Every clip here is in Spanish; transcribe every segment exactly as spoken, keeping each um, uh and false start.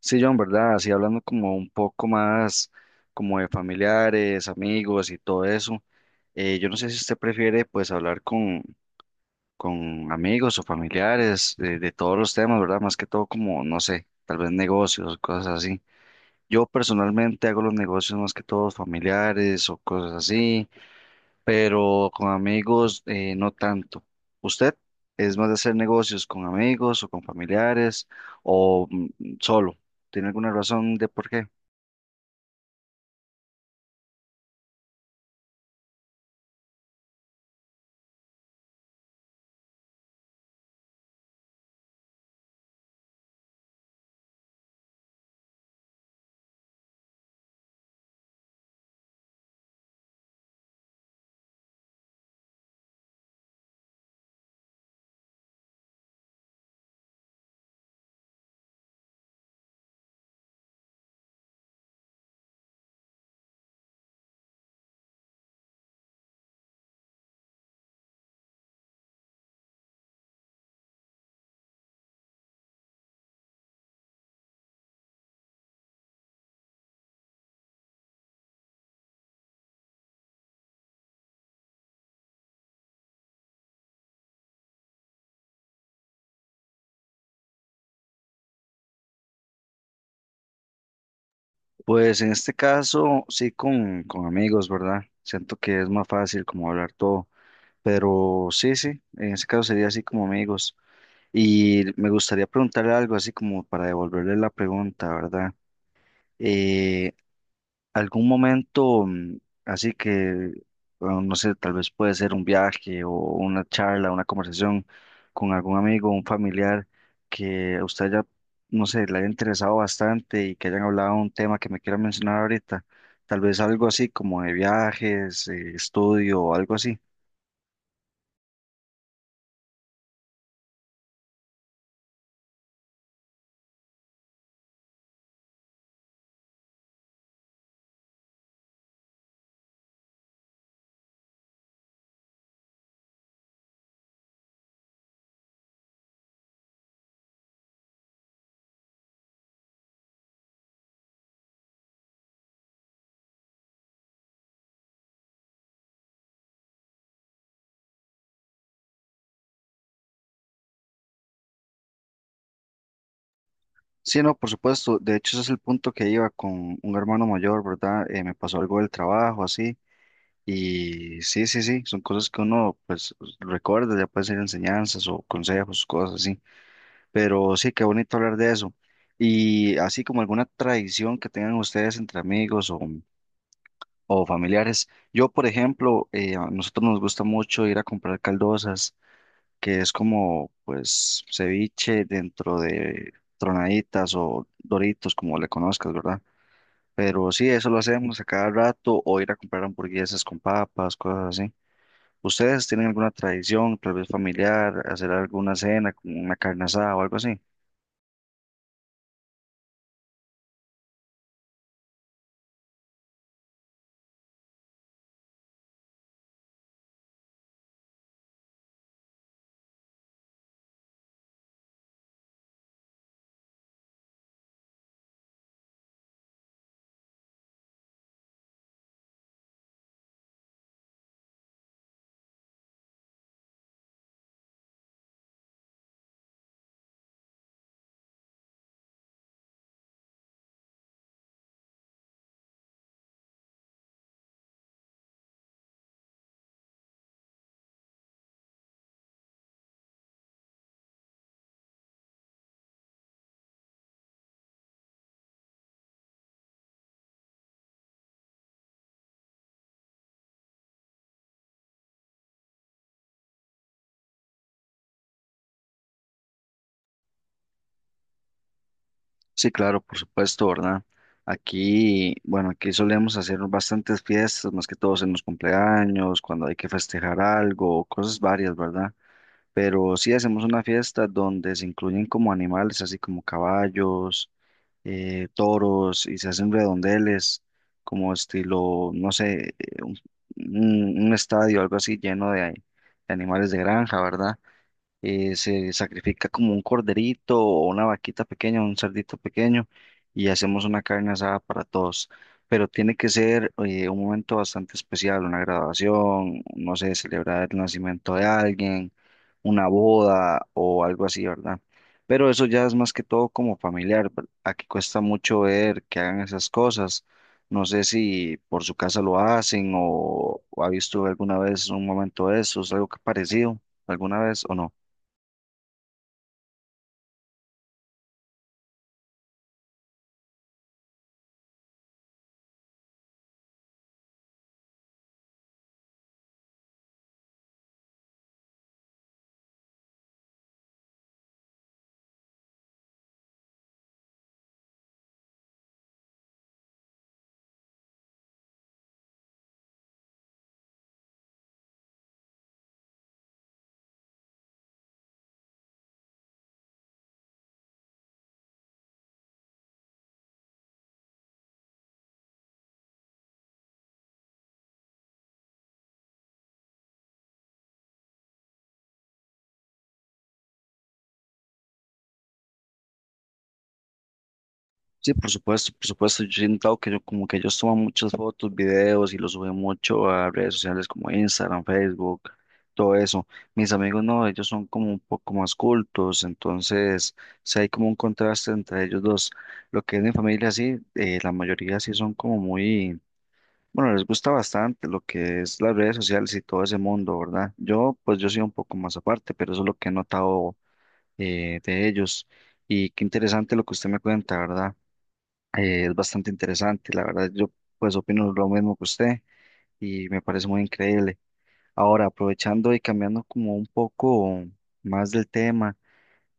Sí, John, ¿verdad? Así hablando como un poco más como de familiares, amigos y todo eso. Eh, yo no sé si usted prefiere pues hablar con, con amigos o familiares de, de todos los temas, ¿verdad? Más que todo como, no sé, tal vez negocios, cosas así. Yo personalmente hago los negocios más que todos familiares o cosas así, pero con amigos eh, no tanto. ¿Usted es más de hacer negocios con amigos o con familiares o mm, solo? ¿Tiene alguna razón de por qué? Pues en este caso sí con, con amigos, ¿verdad? Siento que es más fácil como hablar todo, pero sí, sí, en este caso sería así como amigos. Y me gustaría preguntarle algo así como para devolverle la pregunta, ¿verdad? Eh, Algún momento, mm, así que, bueno, no sé, tal vez puede ser un viaje o una charla, una conversación con algún amigo, un familiar que a usted ya, no sé, le haya interesado bastante y que hayan hablado de un tema que me quiera mencionar ahorita, tal vez algo así como de viajes, eh, estudio o algo así. Sí, no, por supuesto, de hecho ese es el punto que iba con un hermano mayor, ¿verdad? Eh, me pasó algo del trabajo, así. Y sí, sí, sí, son cosas que uno pues recuerda, ya puede ser enseñanzas o consejos, cosas así. Pero sí, qué bonito hablar de eso. Y así como alguna tradición que tengan ustedes entre amigos o, o familiares. Yo, por ejemplo, eh, a nosotros nos gusta mucho ir a comprar caldosas, que es como pues ceviche dentro de tronaditas o doritos, como le conozcas, ¿verdad? Pero sí, eso lo hacemos a cada rato, o ir a comprar hamburguesas con papas, cosas así. ¿Ustedes tienen alguna tradición, tal vez familiar, hacer alguna cena, como una carne asada o algo así? Sí, claro, por supuesto, ¿verdad? Aquí, bueno, aquí solemos hacer bastantes fiestas, más que todos en los cumpleaños, cuando hay que festejar algo, cosas varias, ¿verdad? Pero sí hacemos una fiesta donde se incluyen como animales, así como caballos, eh, toros, y se hacen redondeles, como estilo, no sé, eh, un, un- un estadio, algo así lleno de, de animales de granja, ¿verdad? Eh, se sacrifica como un corderito o una vaquita pequeña, un cerdito pequeño, y hacemos una carne asada para todos. Pero tiene que ser eh, un momento bastante especial, una graduación, no sé, celebrar el nacimiento de alguien, una boda o algo así, ¿verdad? Pero eso ya es más que todo como familiar. ¿ver- Aquí cuesta mucho ver que hagan esas cosas. No sé si por su casa lo hacen o, o ha visto alguna vez un momento de esos, algo que parecido alguna vez o no. Sí, por supuesto, por supuesto. Yo siento que yo, como que ellos toman muchas fotos, videos y los suben mucho a redes sociales como Instagram, Facebook, todo eso. Mis amigos no, ellos son como un poco más cultos, entonces sí hay como un contraste entre ellos dos. Lo que es mi familia, sí, eh, la mayoría sí son como muy, bueno, les gusta bastante lo que es las redes sociales y todo ese mundo, ¿verdad? Yo, pues yo soy un poco más aparte, pero eso es lo que he notado eh, de ellos. Y qué interesante lo que usted me cuenta, ¿verdad? Eh, es bastante interesante, la verdad yo pues opino lo mismo que usted y me parece muy increíble. Ahora, aprovechando y cambiando como un poco más del tema,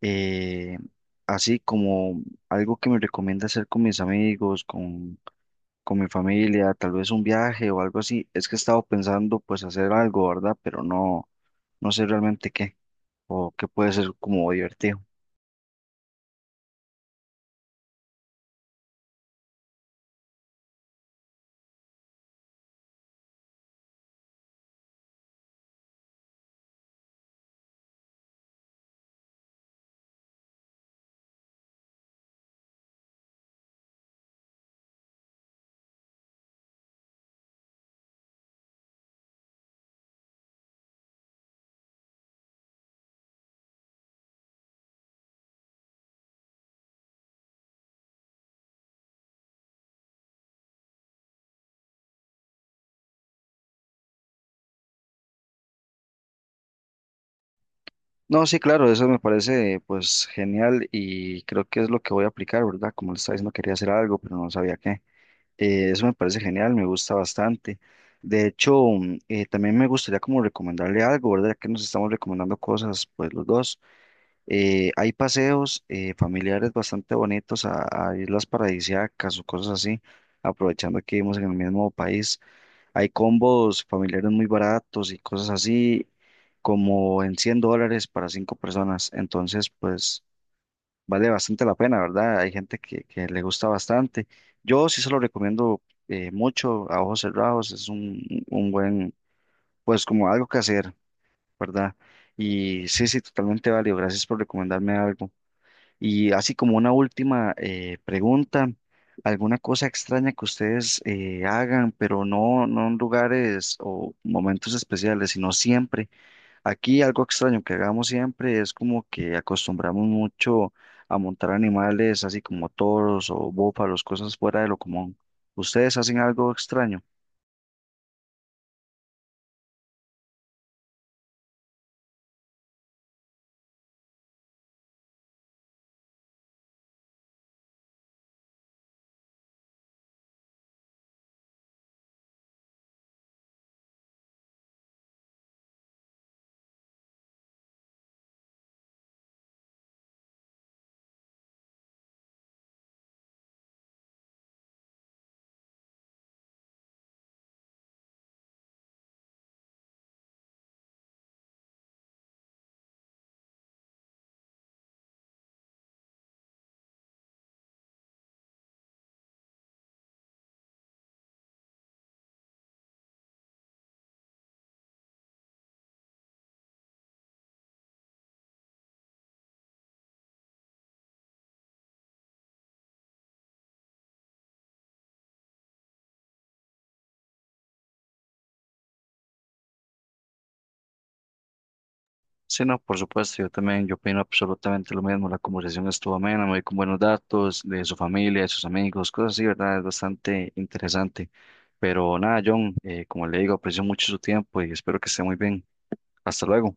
eh, así como algo que me recomienda hacer con mis amigos, con, con mi familia, tal vez un viaje o algo así, es que he estado pensando pues hacer algo, ¿verdad? Pero no, no sé realmente qué o qué puede ser como divertido. No, sí, claro, eso me parece pues genial y creo que es lo que voy a aplicar, ¿verdad? Como le estaba diciendo, quería hacer algo, pero no sabía qué. Eh, eso me parece genial, me gusta bastante. De hecho, mm, eh, también me gustaría como recomendarle algo, ¿verdad? Ya que nos estamos recomendando cosas, pues los dos. Eh, hay paseos eh, familiares bastante bonitos a, a islas paradisíacas o cosas así, aprovechando que vivimos en el mismo país. Hay combos familiares muy baratos y cosas así, como en cien dólares para cinco personas. Entonces, pues vale bastante la pena, ¿verdad? Hay gente que, que le gusta bastante. Yo sí se lo recomiendo eh, mucho a ojos cerrados. Es un, un buen, pues como algo que hacer, ¿verdad? Y sí, sí, totalmente válido. Gracias por recomendarme algo. Y así como una última eh, pregunta, ¿alguna cosa extraña que ustedes eh, hagan, pero no, no en lugares o momentos especiales, sino siempre? Aquí algo extraño que hagamos siempre es como que acostumbramos mucho a montar animales, así como toros o búfalos, cosas fuera de lo común. ¿Ustedes hacen algo extraño? Sí, no, por supuesto, yo también, yo opino absolutamente lo mismo, la conversación estuvo amena, me voy con buenos datos de su familia, de sus amigos, cosas así, ¿verdad? Es bastante interesante. Pero nada, John, eh, como le digo, aprecio mucho su tiempo y espero que esté muy bien. Hasta luego.